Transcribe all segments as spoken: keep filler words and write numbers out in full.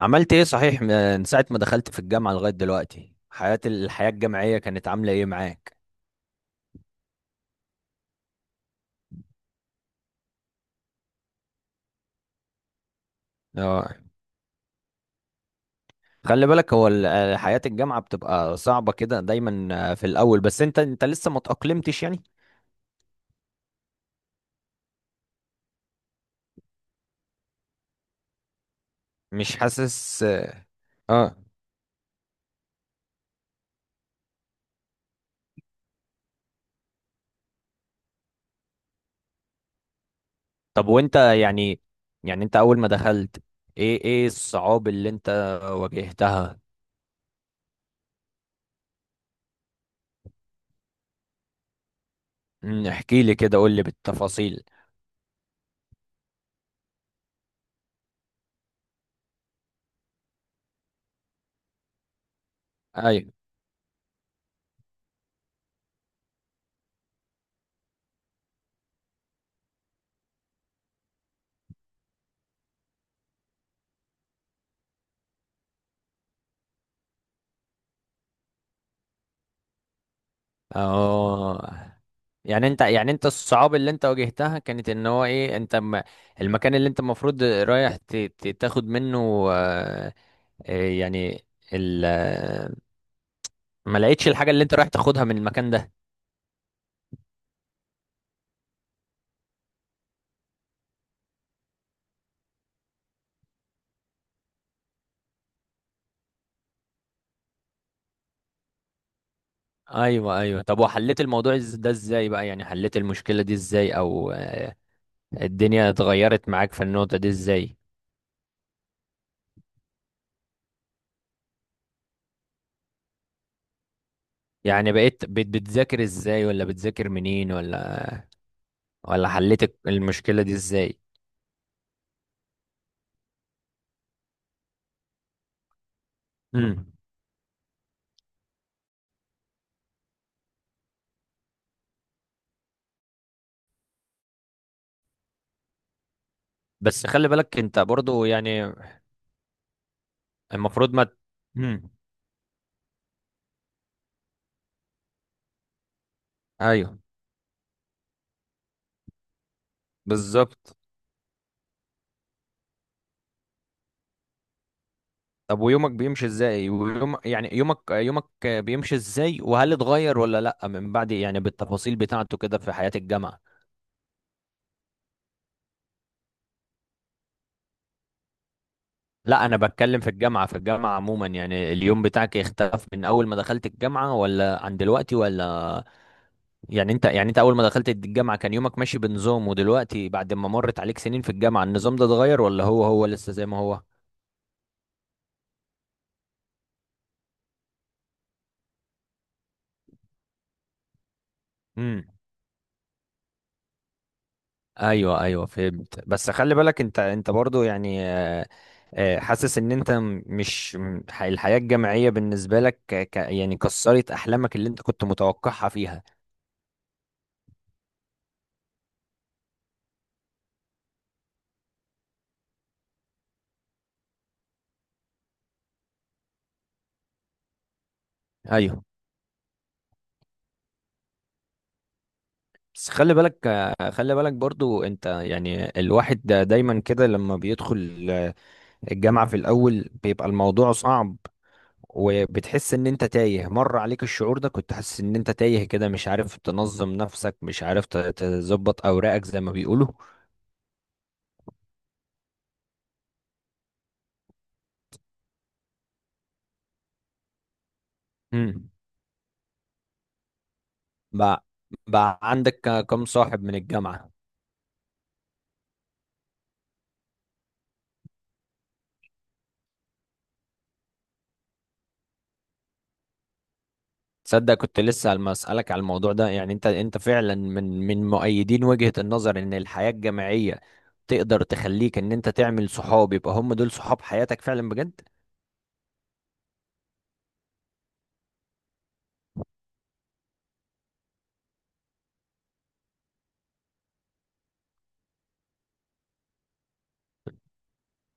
عملت ايه صحيح، من ساعة ما دخلت في الجامعة لغاية دلوقتي؟ حياة الحياة الجامعية كانت عاملة ايه معاك؟ اه. خلي بالك، هو ال- حياة الجامعة بتبقى صعبة كده دايما في الأول، بس انت انت لسه ما تأقلمتش يعني. مش حاسس؟ اه. طب وانت يعني يعني انت أول ما دخلت ايه ايه الصعاب اللي انت واجهتها؟ مم، احكي لي كده، قول لي بالتفاصيل. ايوه. اه. يعني انت يعني انت الصعاب اللي انت واجهتها كانت ان هو ايه، انت م... المكان اللي انت المفروض رايح ت... ت- تاخد منه آه، آه، يعني ال... آه، ما لقيتش الحاجة اللي انت رايح تاخدها من المكان ده. ايوه ايوه. طب وحليت الموضوع إز- ده ازاي بقى، يعني حليت المشكلة دي ازاي، او آه، الدنيا اتغيرت معاك في النقطة دي ازاي؟ يعني بقيت بت... بتذاكر ازاي، ولا بتذاكر منين، ولا ولا حليت المشكلة دي ازاي؟ مم. بس خلي بالك انت برضو يعني المفروض ما. مم. ايوه بالظبط. طب ويومك بيمشي ازاي، ويوم يعني يومك يومك بيمشي ازاي، وهل اتغير ولا لا من بعد، يعني بالتفاصيل بتاعته كده في حياة الجامعة؟ لا انا بتكلم في الجامعة في الجامعة عموما. يعني اليوم بتاعك اختلف من اول ما دخلت الجامعة، ولا عن دلوقتي ولا؟ يعني انت يعني انت اول ما دخلت الجامعة كان يومك ماشي بنظام، ودلوقتي بعد ما مرت عليك سنين في الجامعة النظام ده اتغير، ولا هو هو لسه زي ما هو؟ امم. ايوه ايوه فهمت. بس خلي بالك انت انت برضو يعني آه، آه، حاسس ان انت م- مش م- ح- الحياة الجامعية بالنسبة لك ك... ك- يعني كسرت احلامك اللي انت كنت متوقعها فيها. ايوه. بس خلي بالك آه، خلي بالك برضو انت يعني الواحد ده دايما كده لما بيدخل آه، الجامعة في الاول بيبقى الموضوع صعب. وبتحس ان انت تايه، مر عليك الشعور ده، كنت حاسس ان انت تايه كده، مش عارف تنظم نفسك، مش عارف ت- تظبط اوراقك زي ما بيقولوا. بقى بقى عندك ك- كم صاحب من الجامعة؟ تصدق كنت لسه عم اسالك على الموضوع ده، يعني انت انت فعلا من من مؤيدين وجهة النظر ان الحياة الجامعية تقدر تخليك ان انت تعمل صحاب، يبقى هم دول صحاب حياتك فعلا بجد.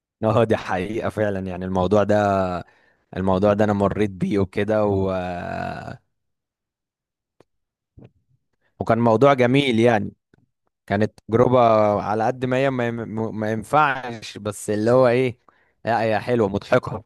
اه دي حقيقة فعلا. يعني الموضوع ده الموضوع ده انا مريت بيه وكده و... وكان موضوع جميل يعني. كانت تجربة على قد ما هي ما, ما ما ينفعش، بس اللي هو ايه، لا هي حلوة مضحكة.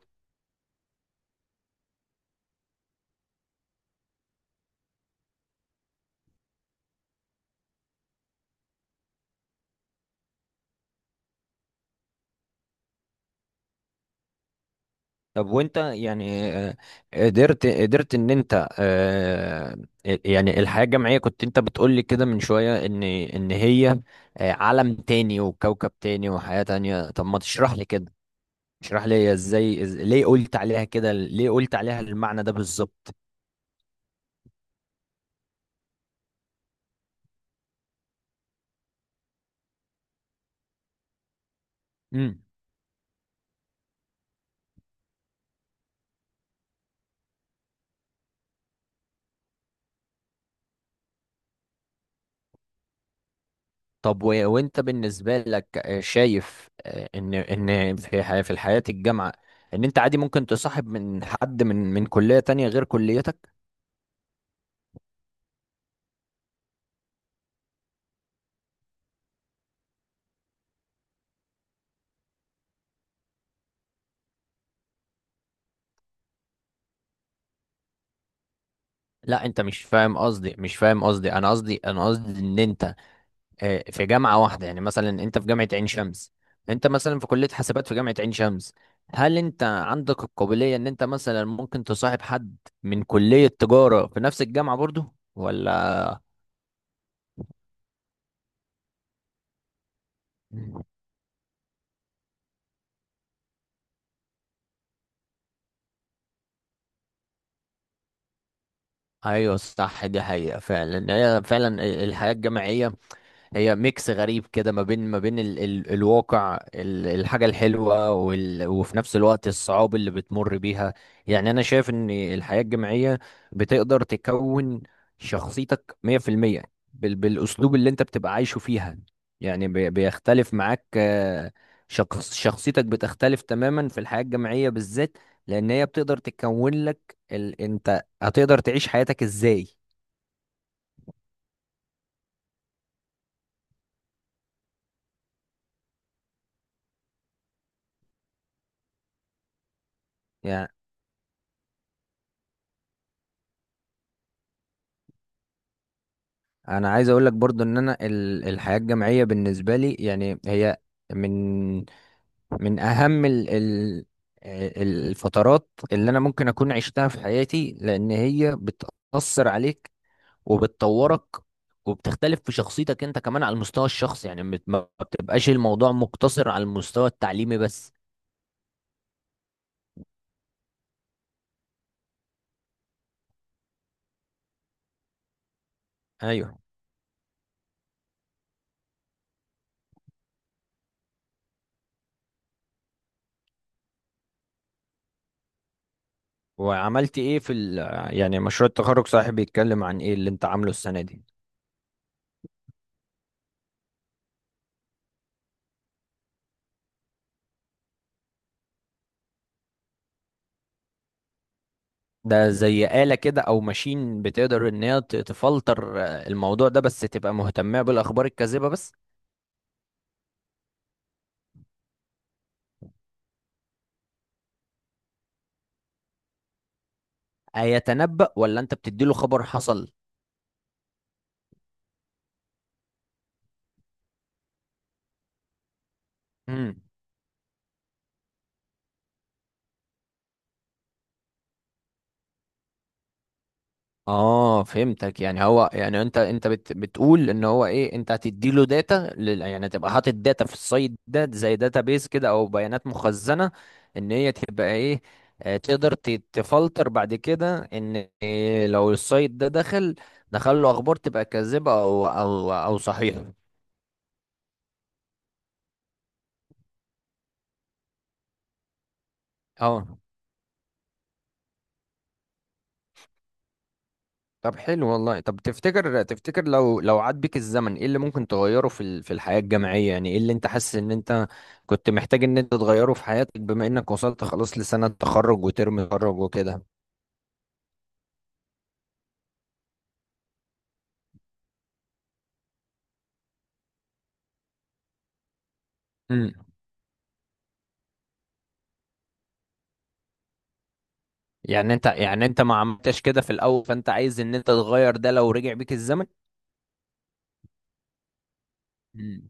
طب وانت يعني آه، قدرت قدرت ان انت آه، يعني الحياة الجامعية كنت انت بتقولي كده من شوية ان ان هي آه، عالم تاني وكوكب تاني وحياة تانية، طب ما تشرح لي كده. اشرح لي هي ازاي، إز... ليه قلت عليها كده، ليه قلت عليها المعنى ده بالظبط؟ امم. طب و... وانت بالنسبة لك آه، شايف آه، ان ان في حياة في الحياة الجامعة ان انت عادي ممكن تصاحب من حد من من كلية تانية غير كليتك؟ لا انت مش فاهم قصدي، مش فاهم قصدي، انا قصدي، انا قصدي ان انت آه، في جامعه واحده، يعني مثلا انت في جامعه عين شمس، انت مثلا في كليه حاسبات في جامعه عين شمس، هل انت عندك القابليه ان انت مثلا ممكن تصاحب حد من كليه تجاره في نفس الجامعه برضو، ولا؟ ايوه صح، دي حقيقه فعلا، هي فعلا الحياه الجامعيه هي ميكس غريب كده، ما بين ما بين ال ال الواقع ال الحاجة الحلوة، وال وفي نفس الوقت الصعاب اللي بتمر بيها. يعني أنا شايف إن الحياة الجامعية بتقدر تكون شخصيتك مئة في المية بال بالأسلوب اللي أنت بتبقى عايشه فيها، يعني بي بيختلف معاك آه، شخص شخصيتك بتختلف تماما في الحياة الجامعية بالذات، لأن هي بتقدر تكون لك ال أنت هتقدر تعيش حياتك إزاي. انا عايز اقول لك برضو ان انا ال- الحياة الجامعية بالنسبة لي يعني هي من من اهم ال ال الفترات اللي انا ممكن اكون عشتها في حياتي، لان هي بتأثر عليك وبتطورك وبتختلف في شخصيتك انت كمان على المستوى الشخصي، يعني مت- ما بتبقاش الموضوع مقتصر على المستوى التعليمي بس. ايوه. وعملت ايه في ال يعني مشروع التخرج صاحبي، بيتكلم عن ايه اللي انت عامله السنة دي؟ ده زي آلة كده، أو ماشين، بتقدر إن هي ت- تفلتر آه، الموضوع ده، بس تبقى مهتمة بالأخبار الكاذبة بس؟ هيتنبأ ولا أنت بتديله خبر حصل؟ امم. آه فهمتك، يعني هو يعني أنت أنت بت بتقول إن هو إيه، أنت هتديله داتا لل يعني تبقى حاطط داتا في السايت ده زي داتا بيز كده، أو بيانات مخزنة، إن هي تبقى إيه آه، تقدر ت- تفلتر بعد كده إن إيه لو السايت ده دخل دخل له أخبار تبقى كاذبة، أو أو أو صحيحة؟ اه. طب حلو والله. طب تفتكر تفتكر لو لو عاد بيك الزمن ايه اللي ممكن تغيره في ال- في الحياة الجامعية، يعني ايه اللي انت حاسس ان انت كنت محتاج ان انت تغيره في حياتك بما انك وصلت خلاص لسنة تخرج وترم تخرج وكده؟ امم. يعني انت يعني انت ما عملتش كده في الاول، فانت عايز ان انت تغير ده لو رجع بيك الزمن؟ مم.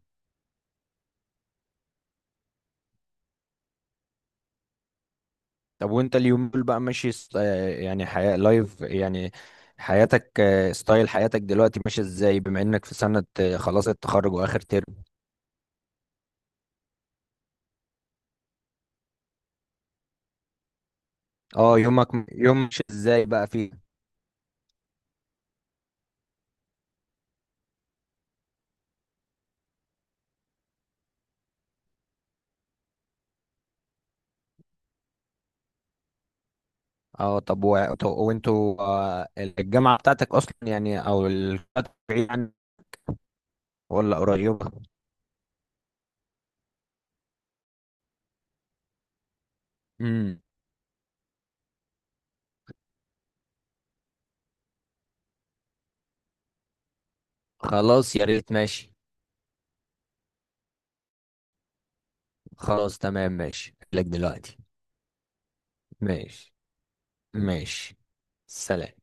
طب وانت اليوم دول بقى ماشي س- آه، يعني حياة لايف يعني حياتك آه، ستايل حياتك دلوقتي ماشي ازاي بما انك في سنة آه، خلاص التخرج واخر ترم؟ اه يومك يوم مش ازاي بقى فيه؟ اه. طب و- طب وانتوا آه، الجامعة بتاعتك اصلا يعني، او ال- بعيد عن- ولا قريبة؟ امم. خلاص يا ريت، ماشي. خلاص تمام، ماشي لك دلوقتي. ماشي. ماشي. سلام.